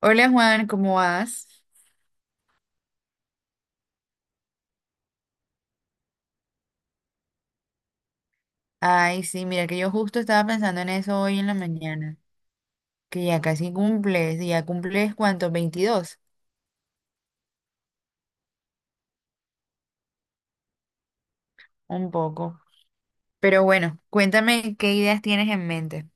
Hola Juan, ¿cómo vas? Ay, sí, mira que yo justo estaba pensando en eso hoy en la mañana, que ya casi cumples, y ya cumples ¿cuánto? 22, un poco. Pero bueno, cuéntame qué ideas tienes en mente.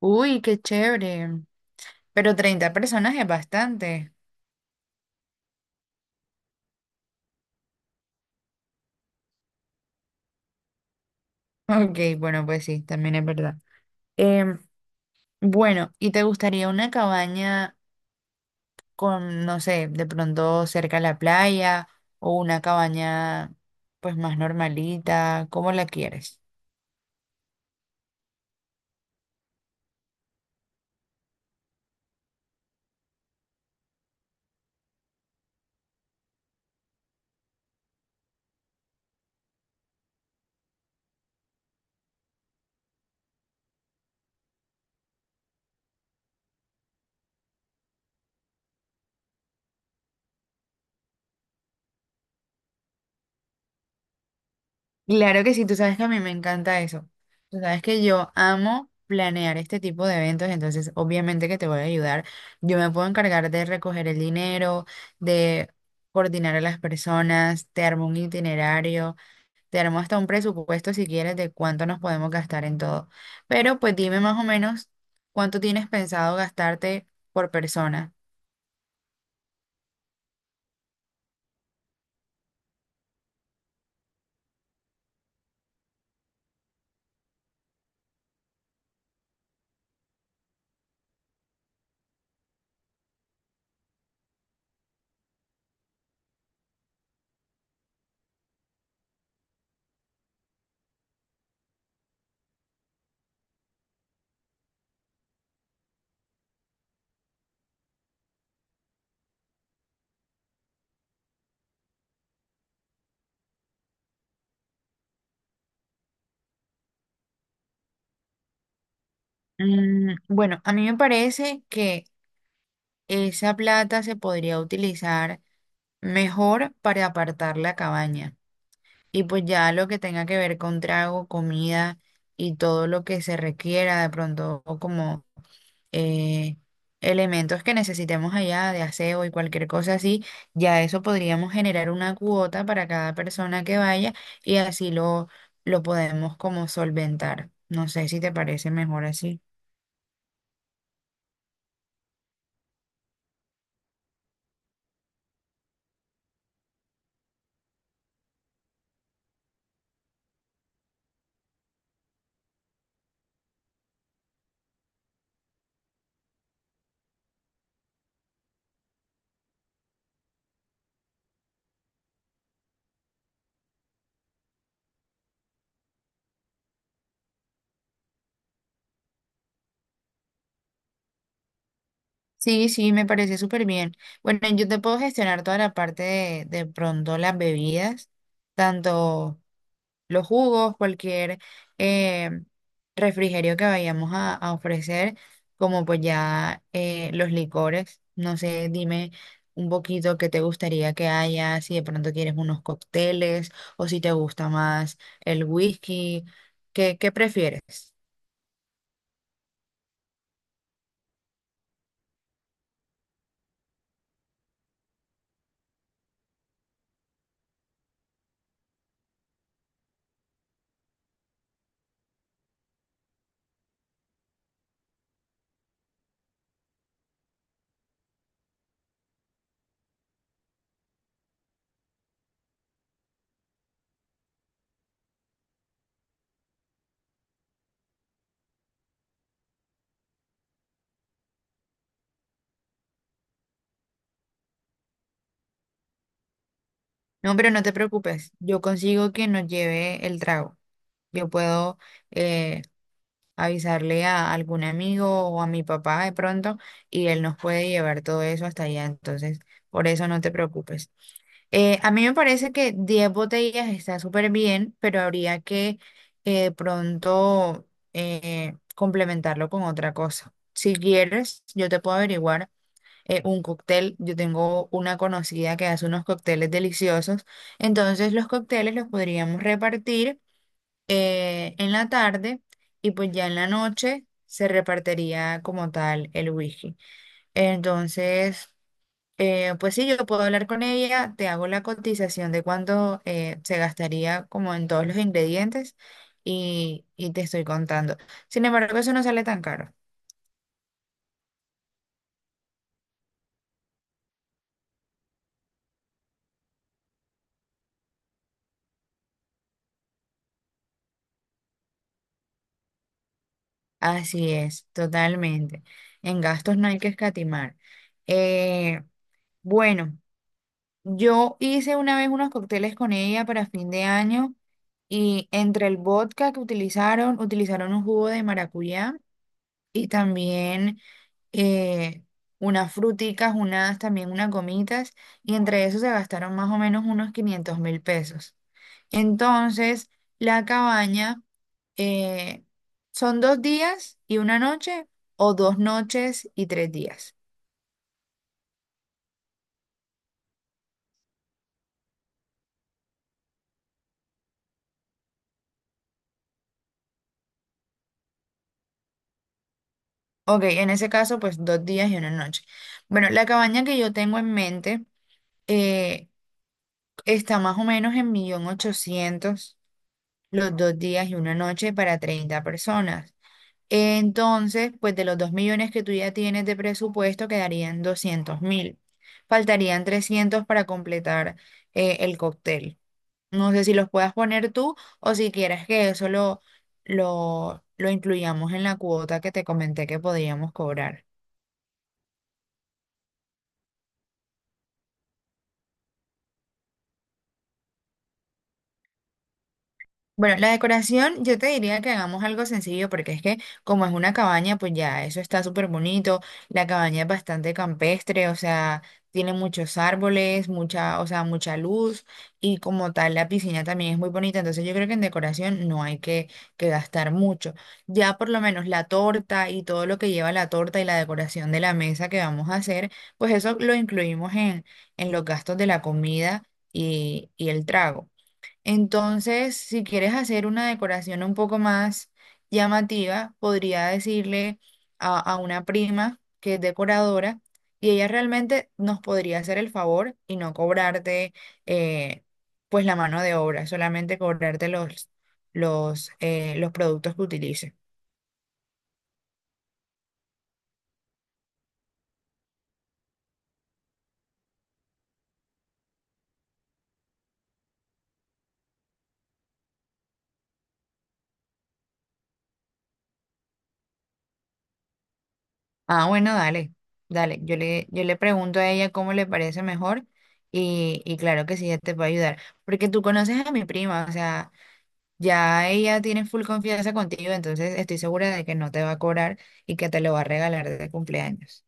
Uy, qué chévere. Pero 30 personas es bastante. Ok, bueno, pues sí, también es verdad. Em, bueno, ¿y te gustaría una cabaña con, no sé, de pronto cerca a la playa o una cabaña pues más normalita? ¿Cómo la quieres? Claro que sí, tú sabes que a mí me encanta eso. Tú sabes que yo amo planear este tipo de eventos, entonces obviamente que te voy a ayudar. Yo me puedo encargar de recoger el dinero, de coordinar a las personas, te armo un itinerario, te armo hasta un presupuesto si quieres de cuánto nos podemos gastar en todo. Pero pues dime más o menos cuánto tienes pensado gastarte por persona. Bueno, a mí me parece que esa plata se podría utilizar. Mejor para apartar la cabaña. Y pues ya lo que tenga que ver con trago, comida y todo lo que se requiera de pronto o como eh, elementos que necesitemos allá de aseo y cualquier cosa así, ya eso podríamos generar una cuota para cada persona que vaya y así lo podemos como solventar. No sé si te parece mejor así. Sí, sí, me parece súper bien. Bueno, yo te puedo gestionar toda la parte de pronto las bebidas, tanto los jugos, cualquier eh, refrigerio que vayamos a ofrecer, como pues ya los licores. No sé, dime un poquito qué te gustaría que haya, si de pronto quieres unos cócteles o si te gusta más el whisky, ¿qué prefieres? No, pero no te preocupes, yo consigo que nos lleve el trago. Yo puedo eh, avisarle a algún amigo o a mi papá de pronto y él nos puede llevar todo eso hasta allá. Entonces, por eso no te preocupes. A mí me parece que 10 botellas está súper bien, pero habría que pronto complementarlo con otra cosa. Si quieres, yo te puedo averiguar un cóctel. Yo tengo una conocida que hace unos cócteles deliciosos. Entonces, los cócteles los podríamos repartir en la tarde y pues ya en la noche se repartiría como tal el whisky. Entonces, pues sí, yo puedo hablar con ella, te hago la cotización de cuánto se gastaría como en todos los ingredientes y te estoy contando. Sin embargo, eso no sale tan caro. Así es, totalmente. En gastos no hay que escatimar. Eh, bueno. Yo hice una vez unos cócteles con ella para fin de año y entre el vodka que utilizaron, utilizaron un jugo de maracuyá y también eh, unas fruticas, unas también unas gomitas y entre eso se gastaron más o menos unos 500.000 pesos. Entonces, la cabaña eh, son 2 días y una noche o 2 noches y 3 días. Ok, en ese caso, pues 2 días y una noche. Bueno, la cabaña que yo tengo en mente eh, está más o menos en millón ochocientos los 2 días y una noche para 30 personas. Entonces, pues de los 2 millones que tú ya tienes de presupuesto, quedarían 200.000. Faltarían 300 para completar el cóctel. No sé si los puedas poner tú o si quieres que eso lo incluyamos en la cuota que te comenté que podíamos cobrar. Bueno, la decoración yo te diría que hagamos algo sencillo porque es que como es una cabaña, pues ya eso está súper bonito. La cabaña es bastante campestre, o sea, tiene muchos árboles, mucha, o sea, mucha luz y como tal la piscina también es muy bonita. Entonces yo creo que en decoración no hay que gastar mucho. Ya por lo menos la torta y todo lo que lleva la torta y la decoración de la mesa que vamos a hacer, pues eso lo incluimos en los gastos de la comida y el trago. Entonces, si quieres hacer una decoración un poco más llamativa, podría decirle a una prima que es decoradora y ella realmente nos podría hacer el favor y no cobrarte eh, pues la mano de obra, solamente cobrarte los productos que utilice. Ah, bueno, dale, dale. Yo le pregunto a ella cómo le parece mejor y claro que sí, ella te puede ayudar. Porque tú conoces a mi prima, o sea. Ya ella tiene full confianza contigo, entonces estoy segura de que no te va a cobrar y que te lo va a regalar de cumpleaños.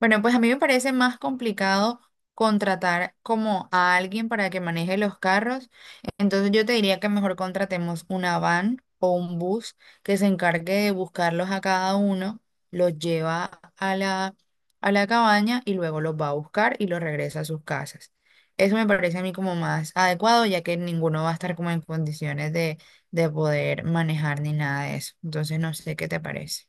Bueno, pues a mí me parece más complicado contratar como a alguien para que maneje los carros. Entonces yo te diría que mejor contratemos una van o un bus que se encargue de buscarlos a cada uno, los lleva a la cabaña y luego los va a buscar y los regresa a sus casas. Eso me parece a mí como más adecuado, ya que ninguno va a estar como en condiciones de poder manejar ni nada de eso. Entonces no sé qué te parece.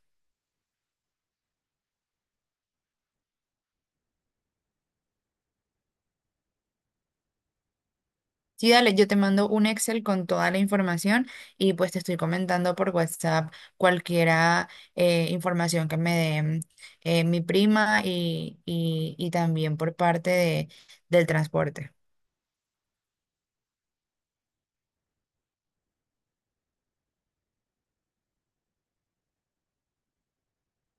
Sí, dale, yo te mando un Excel con toda la información y pues te estoy comentando por WhatsApp cualquiera información que me dé mi prima y también por parte del transporte.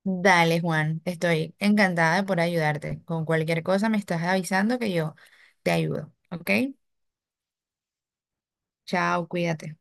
Dale, Juan, estoy encantada de por ayudarte. Con cualquier cosa me estás avisando que yo te ayudo, ¿ok? Chao, cuídate.